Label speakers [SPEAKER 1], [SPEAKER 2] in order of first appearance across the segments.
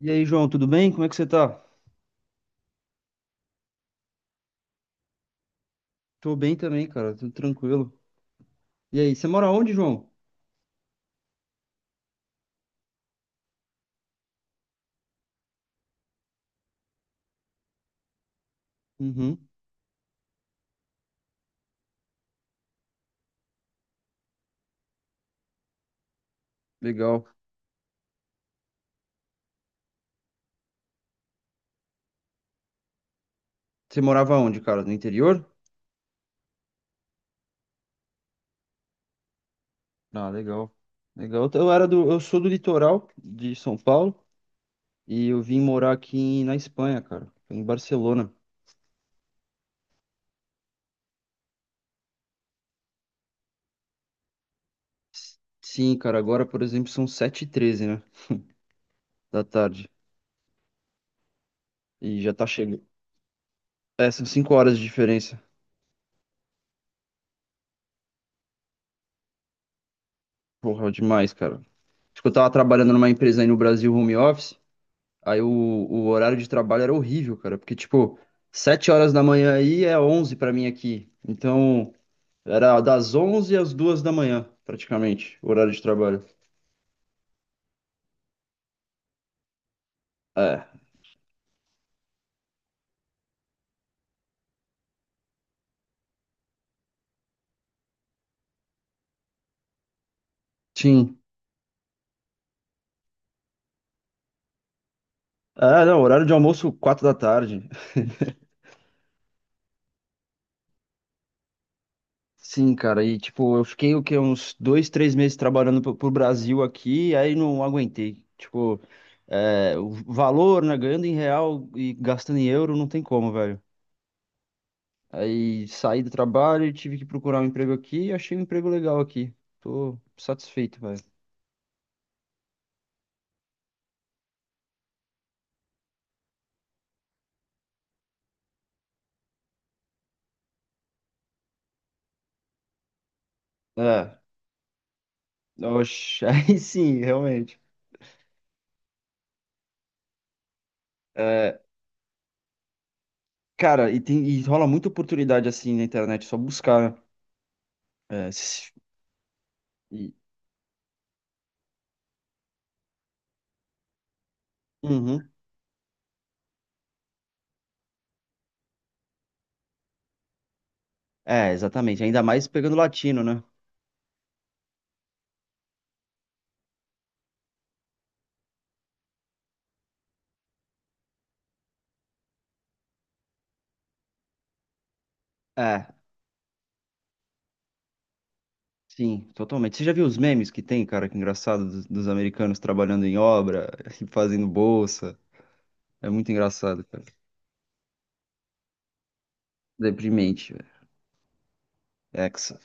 [SPEAKER 1] E aí, João, tudo bem? Como é que você tá? Tô bem também, cara, tudo tranquilo. E aí, você mora onde, João? Uhum, legal. Você morava onde, cara? No interior? Ah, legal. Legal. Eu sou do litoral de São Paulo e eu vim morar aqui na Espanha, cara, em Barcelona. Sim, cara, agora, por exemplo, são 7:13, né, da tarde. E já tá chegando. É, são 5 horas de diferença. Porra, demais, cara. Acho que eu tava trabalhando numa empresa aí no Brasil, home office. Aí o horário de trabalho era horrível, cara, porque, tipo, 7 horas da manhã aí é 11 pra mim aqui. Então, era das 11 às 2 da manhã, praticamente, o horário de trabalho. É, sim. É, não, horário de almoço, 4 da tarde. Sim, cara, e, tipo, eu fiquei, o quê, uns 2, 3 meses trabalhando pro Brasil aqui, aí não aguentei. Tipo, é, o valor, né, ganhando em real e gastando em euro, não tem como, velho. Aí saí do trabalho e tive que procurar um emprego aqui e achei um emprego legal aqui. Tô satisfeito, velho. É, oxe, aí sim, realmente. É, cara, e, tem, e rola muita oportunidade assim na internet, é só buscar, né? É, e- Uhum. É, exatamente. Ainda mais pegando latino, né? É, sim, totalmente. Você já viu os memes que tem, cara? Que é engraçado, dos americanos trabalhando em obra e fazendo bolsa. É muito engraçado, cara. Deprimente, velho. Exa,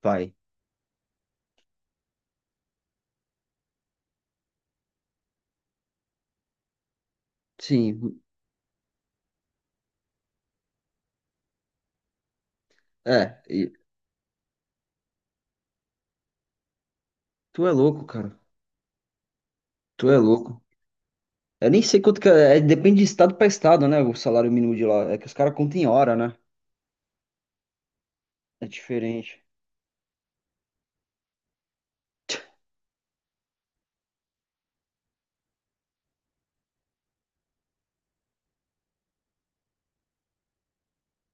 [SPEAKER 1] pai. Sim. É, e tu é louco, cara. Tu é louco. Eu nem sei quanto que é, depende de estado pra estado, né? O salário mínimo de lá. É que os caras contam em hora, né? É diferente.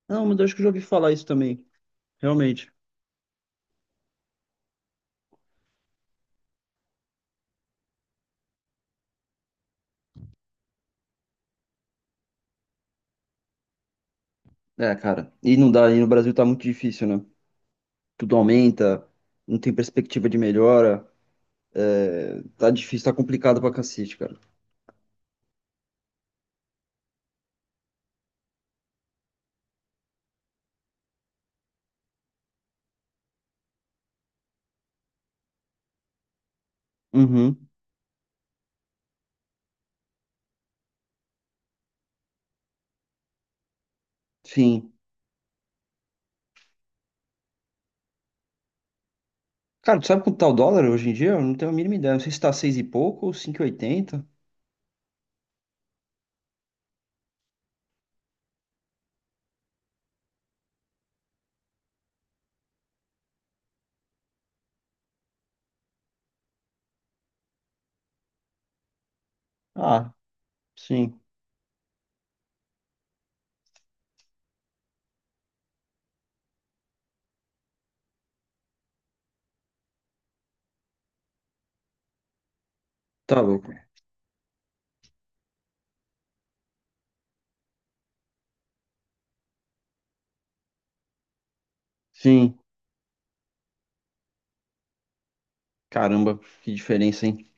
[SPEAKER 1] Não, mas eu acho que eu já ouvi falar isso também. Realmente. É, cara. E não dá, e no Brasil tá muito difícil, né? Tudo aumenta, não tem perspectiva de melhora. É, tá difícil, tá complicado pra cacete, cara. Uhum, sim. Cara, tu sabe quanto tá o dólar hoje em dia? Eu não tenho a mínima ideia. Não sei se tá seis e pouco ou cinco e oitenta. Ah, sim. Tá louco. Sim. Caramba, que diferença, hein?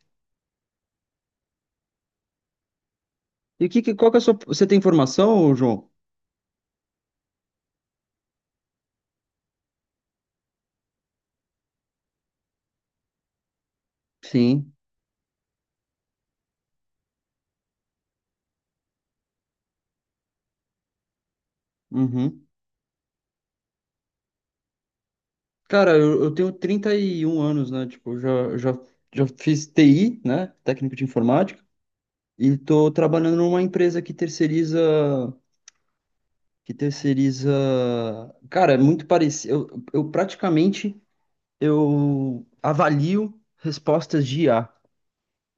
[SPEAKER 1] E qual que é a sua. Você tem formação, João? Sim. Uhum. Cara, eu tenho 31 anos, né? Tipo, eu já, já fiz TI, né? Técnico de informática. E tô trabalhando numa empresa que terceiriza. Que terceiriza. Cara, é muito parecido. Eu praticamente eu avalio respostas de IA,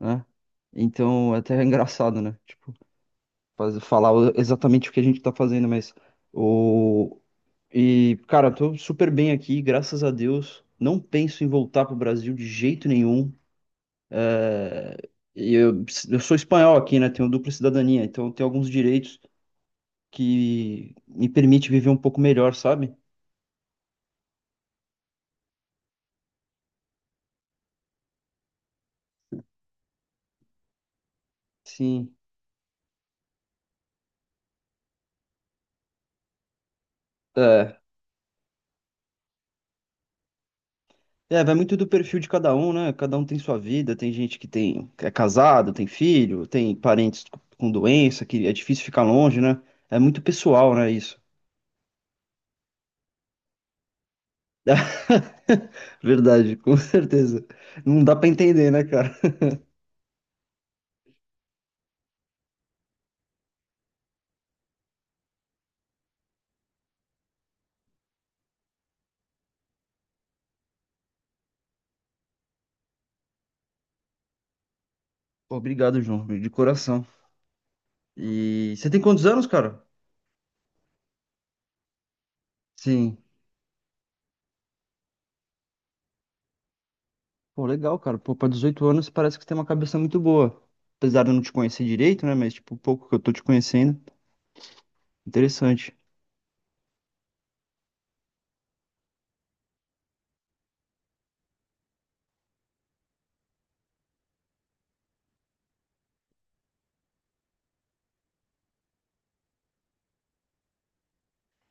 [SPEAKER 1] né? Então, até é engraçado, né? Tipo, falar exatamente o que a gente tá fazendo, mas. O, E, cara, tô super bem aqui, graças a Deus. Não penso em voltar pro Brasil de jeito nenhum. É, e eu sou espanhol aqui, né? Tenho dupla cidadania, então tenho alguns direitos que me permite viver um pouco melhor, sabe? Sim. É. É, vai muito do perfil de cada um, né? Cada um tem sua vida, tem gente que tem, que é casado, tem filho, tem parentes com doença, que é difícil ficar longe, né? É muito pessoal, né, isso? Verdade, com certeza. Não dá pra entender, né, cara? Pô, obrigado, João, de coração. E você tem quantos anos, cara? Sim. Pô, legal, cara. Pô, pra 18 anos parece que você tem uma cabeça muito boa. Apesar de eu não te conhecer direito, né? Mas, tipo, o pouco que eu tô te conhecendo, interessante.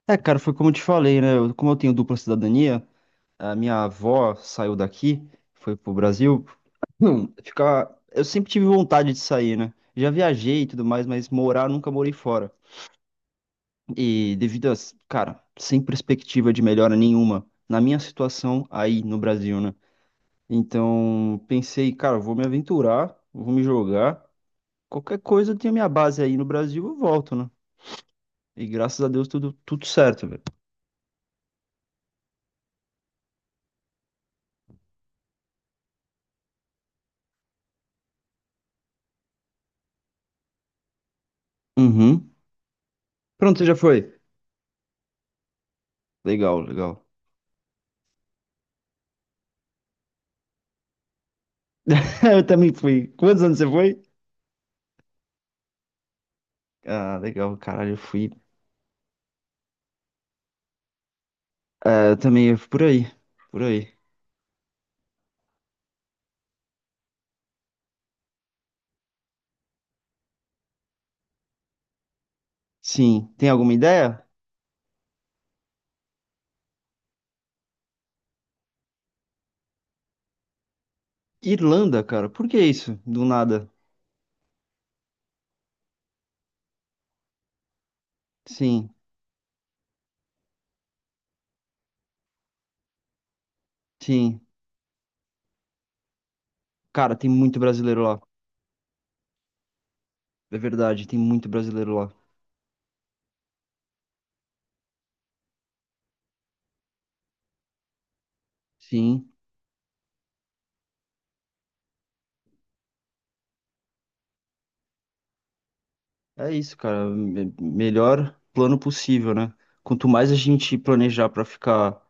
[SPEAKER 1] É, cara, foi como eu te falei, né? Como eu tenho dupla cidadania, a minha avó saiu daqui, foi pro Brasil. Não, ficar. Eu sempre tive vontade de sair, né? Já viajei e tudo mais, mas morar nunca morei fora. E devido a, cara, sem perspectiva de melhora nenhuma na minha situação aí no Brasil, né? Então, pensei, cara, vou me aventurar, vou me jogar. Qualquer coisa, eu tenho minha base aí no Brasil, eu volto, né? E graças a Deus tudo certo, velho. Uhum. Pronto, você já foi? Legal, legal. Eu também fui. Quantos anos você foi? Ah, legal, caralho, eu fui. É, eu também, eu fui por aí, por aí. Sim, tem alguma ideia? Irlanda, cara, por que isso? Do nada. Sim, sim. Cara, tem muito brasileiro lá. É verdade, tem muito brasileiro lá. Sim, é isso, cara. Melhor plano possível, né? Quanto mais a gente planejar pra ficar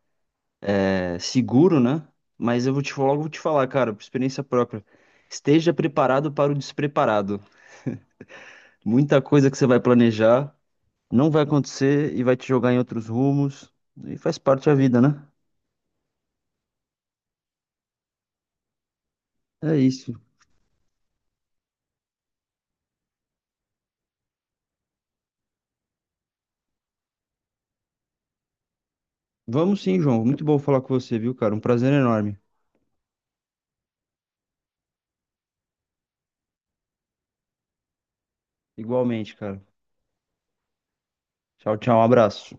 [SPEAKER 1] é, seguro, né? Mas eu vou te falar, logo vou te falar, cara, por experiência própria. Esteja preparado para o despreparado. Muita coisa que você vai planejar não vai acontecer e vai te jogar em outros rumos. E faz parte da vida, né? É isso. Vamos sim, João. Muito bom falar com você, viu, cara? Um prazer enorme. Igualmente, cara. Tchau, tchau. Um abraço.